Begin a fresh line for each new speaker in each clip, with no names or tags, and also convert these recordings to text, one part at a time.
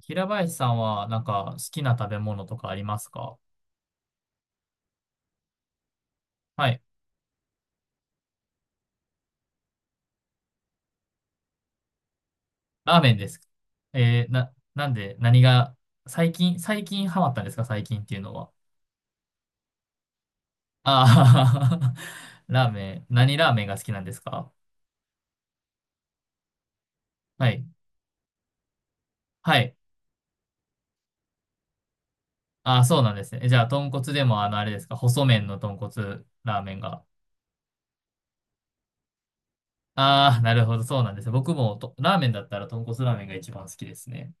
平林さんは、好きな食べ物とかありますか？はい。ラーメンです。えー、な、なんで、何が、最近ハマったんですか？最近っていうのは。ああ ラーメン、何ラーメンが好きなんですか？はい。はい。ああ、そうなんですね。え、じゃあ、豚骨でも、あれですか？細麺の豚骨ラーメンが。ああ、なるほど、そうなんですね。僕もと、ラーメンだったら豚骨ラーメンが一番好きですね。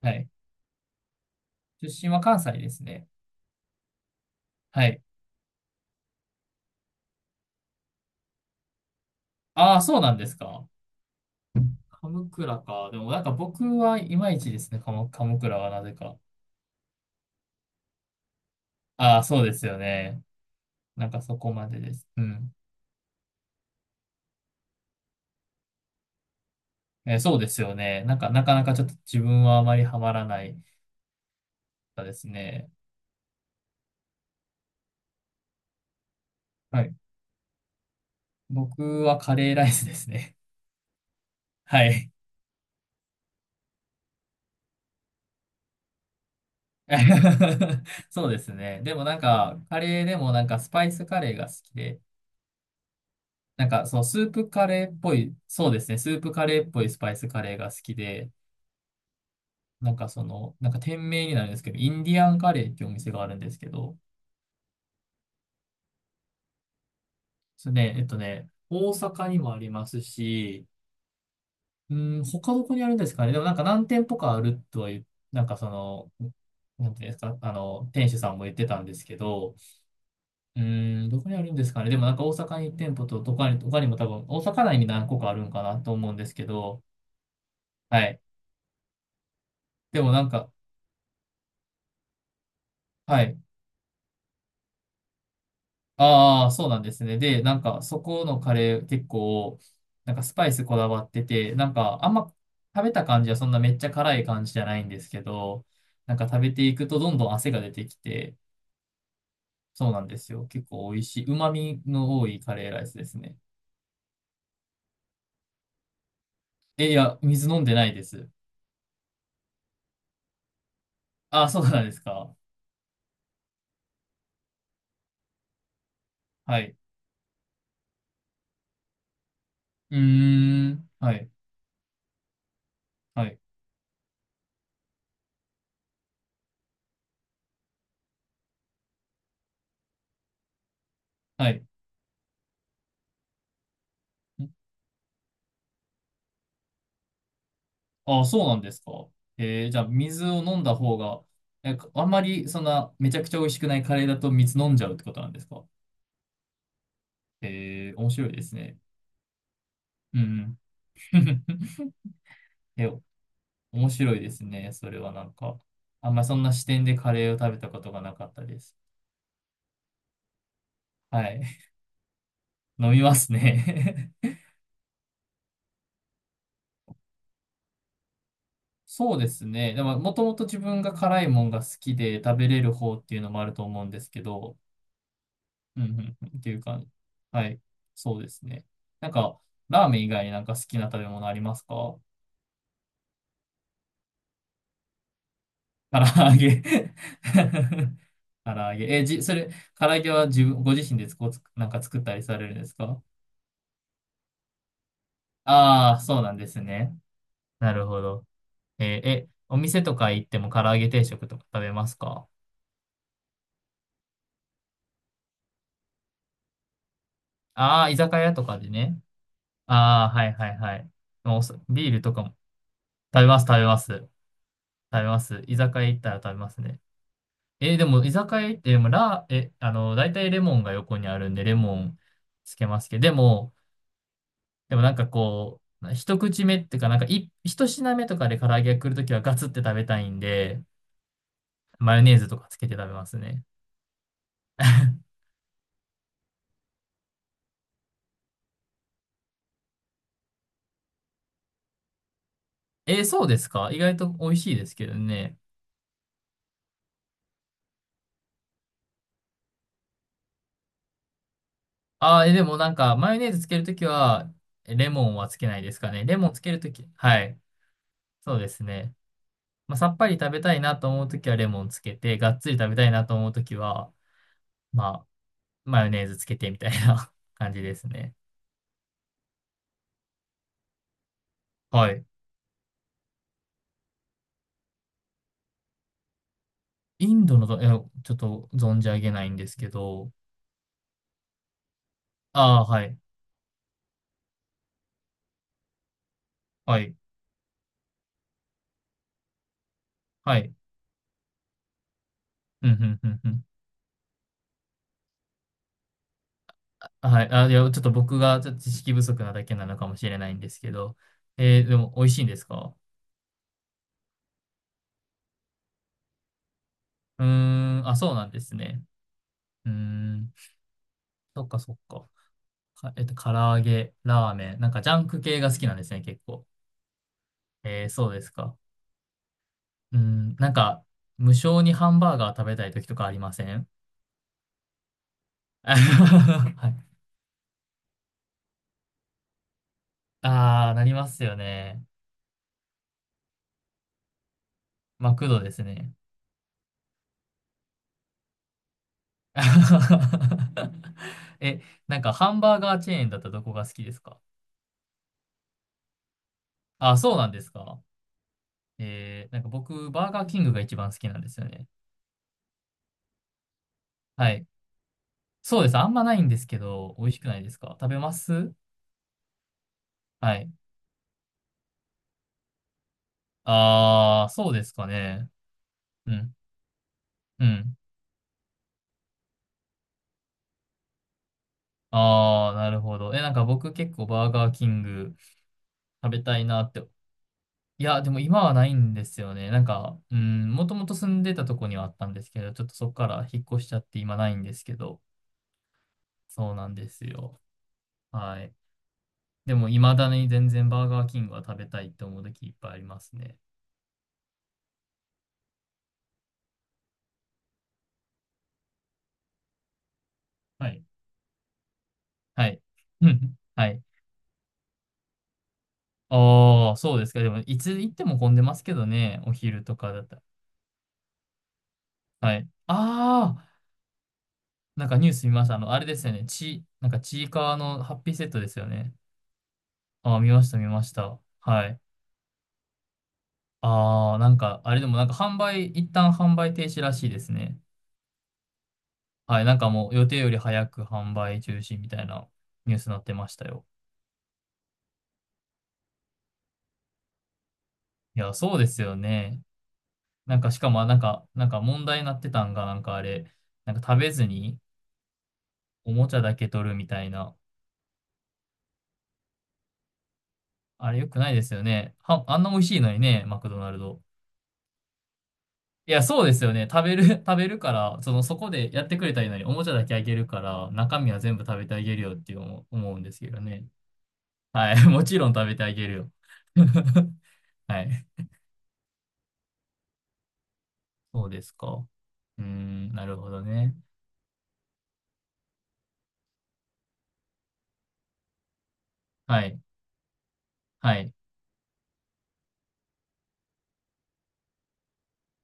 はい。出身は関西ですね。はい。ああ、そうなんですか。鎌倉か。でも僕はいまいちですね、鎌倉はなぜか。ああ、そうですよね。そこまでです。うん。えー、そうですよね。なかなかちょっと自分はあまりハマらないですね。はい。僕はカレーライスですね。はい。そうですね。でもカレーでもスパイスカレーが好きで、スープカレーっぽい、そうですね、スープカレーっぽいスパイスカレーが好きで、店名になるんですけど、インディアンカレーっていうお店があるんですけど、それね、大阪にもありますし、うん、他どこにあるんですかね。でも何店舗かあるとは言う、なんかその、なんていうんですか、あの、店主さんも言ってたんですけど、どこにあるんですかね。でも大阪にいち店舗と、他にも多分、大阪内に何個かあるんかなと思うんですけど、はい。でもはい。ああ、そうなんですね。で、そこのカレー結構、スパイスこだわってて、あんま食べた感じはそんなめっちゃ辛い感じじゃないんですけど、食べていくとどんどん汗が出てきて、そうなんですよ。結構美味しい、旨味の多いカレーライスですね。え、いや、水飲んでないです。ああ、そうなんですか。はい。うーん。はい。はい。はい。ああ、そうなんですか。えー、じゃあ、水を飲んだ方が、え、あんまり、そんな、めちゃくちゃ美味しくないカレーだと水飲んじゃうってことなんですか。えー、面白いですね。うんうん。え、面白いですね。それはなんか、あんまりそんな視点でカレーを食べたことがなかったです。はい。飲みますね。そうですね。でも、もともと自分が辛いもんが好きで食べれる方っていうのもあると思うんですけど、うんうんうん、っていう感じ。はい。そうですね。なんか、ラーメン以外に好きな食べ物ありますか？唐揚げ 唐揚げ。え、じ、それ、唐揚げは自分、ご自身でつこつ、なんか作ったりされるんですか？ああー、そうなんですね。なるほど。えー、え、お店とか行っても唐揚げ定食とか食べますか？ああー、居酒屋とかでね。ああ、はいはいはい。もうおそビールとかも食べます、食べます。食べます。居酒屋行ったら食べますね。えーでも、居酒屋行って、でも、ラー、え、あの、大体レモンが横にあるんで、レモンつけますけど、でも、でもこう、一口目っていうか、一品目とかで唐揚げが来るときはガツって食べたいんで、マヨネーズとかつけて食べますね。えー、そうですか？意外と美味しいですけどね。ああ、えー、でもマヨネーズつけるときは、えレモンはつけないですかね。レモンつけるとき、はい。そうですね。まあ、さっぱり食べたいなと思うときはレモンつけて、がっつり食べたいなと思うときは、ま、マヨネーズつけてみたいな 感じですね。はい。インドのど、いや、ちょっと存じ上げないんですけど、ああ、はい、はい、はい。うん、うん、うん、うん。はい。あ、いや、ちょっと僕がちょっと知識不足なだけなのかもしれないんですけど、えー、でも美味しいんですか？うーん、あ、そうなんですね。うーん、そっかそっか。か、えっと、唐揚げ、ラーメン、ジャンク系が好きなんですね、結構。えー、そうですか。うーん、無性にハンバーガー食べたい時とかありません？ はい。ああ、なりますよね。マクドですね。え、ハンバーガーチェーンだったらどこが好きですか？あ、そうなんですか？えー、僕、バーガーキングが一番好きなんですよね。はい。そうです。あんまないんですけど、美味しくないですか？食べます？はい。ああ、そうですかね。うん。うん。ああ、なるほど。え、僕結構バーガーキング食べたいなって、いや、でも今はないんですよね。もともと住んでたとこにはあったんですけど、ちょっとそこから引っ越しちゃって今ないんですけど、そうなんですよ。はい。でも、未だに全然バーガーキングは食べたいって思う時いっぱいありますね。はい。はい。うん、はい。ああ、そうですか。でも、いつ行っても混んでますけどね、お昼とかだったら。はい。ああ、ニュース見ました。あの、あれですよね。ち、ちいかわのハッピーセットですよね。ああ、見ました、見ました。はい。ああ、なんか、あれでもなんか販売、一旦販売停止らしいですね。はい、もう予定より早く販売中止みたいなニュースになってましたよ。いや、そうですよね。なんかしかも、なんか、なんか問題になってたんが、なんかあれ、なんか食べずにおもちゃだけ取るみたいな。あれ良くないですよね。は、あんな美味しいのにね、マクドナルド。いや、そうですよね。食べる、食べるから、その、そこでやってくれたらいいのに、おもちゃだけあげるから、中身は全部食べてあげるよって思う、思うんですけどね。はい。もちろん食べてあげるよ。はい。そうですか。うーん、なるほどね。はい。はい。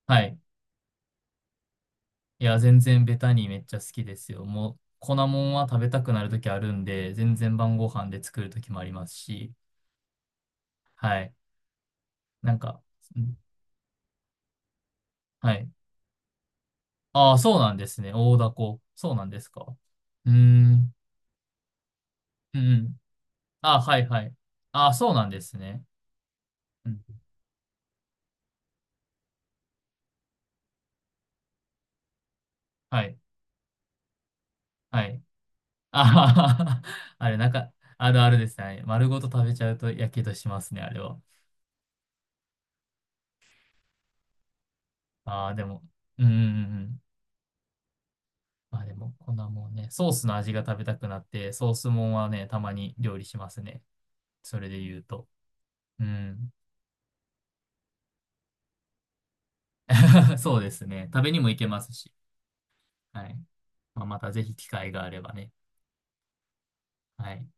はい。いや、全然ベタにめっちゃ好きですよ。もう、粉もんは食べたくなるときあるんで、全然晩ご飯で作るときもありますし。はい。なんか、んはい。ああ、そうなんですね。大凧。そうなんですか。うーん。うんうん。ああ、はいはい。ああ、そうなんですね。うん、はい。はい。あはは あれ、あるあるですね。丸ごと食べちゃうとやけどしますね、あれは。ああ、でも、うんうんうん。まあでも、こんなもんね、ソースの味が食べたくなって、ソースもんはね、たまに料理しますね。それで言うと。うん。そうですね。食べにも行けますし。はい。まあ、またぜひ機会があればね。はい。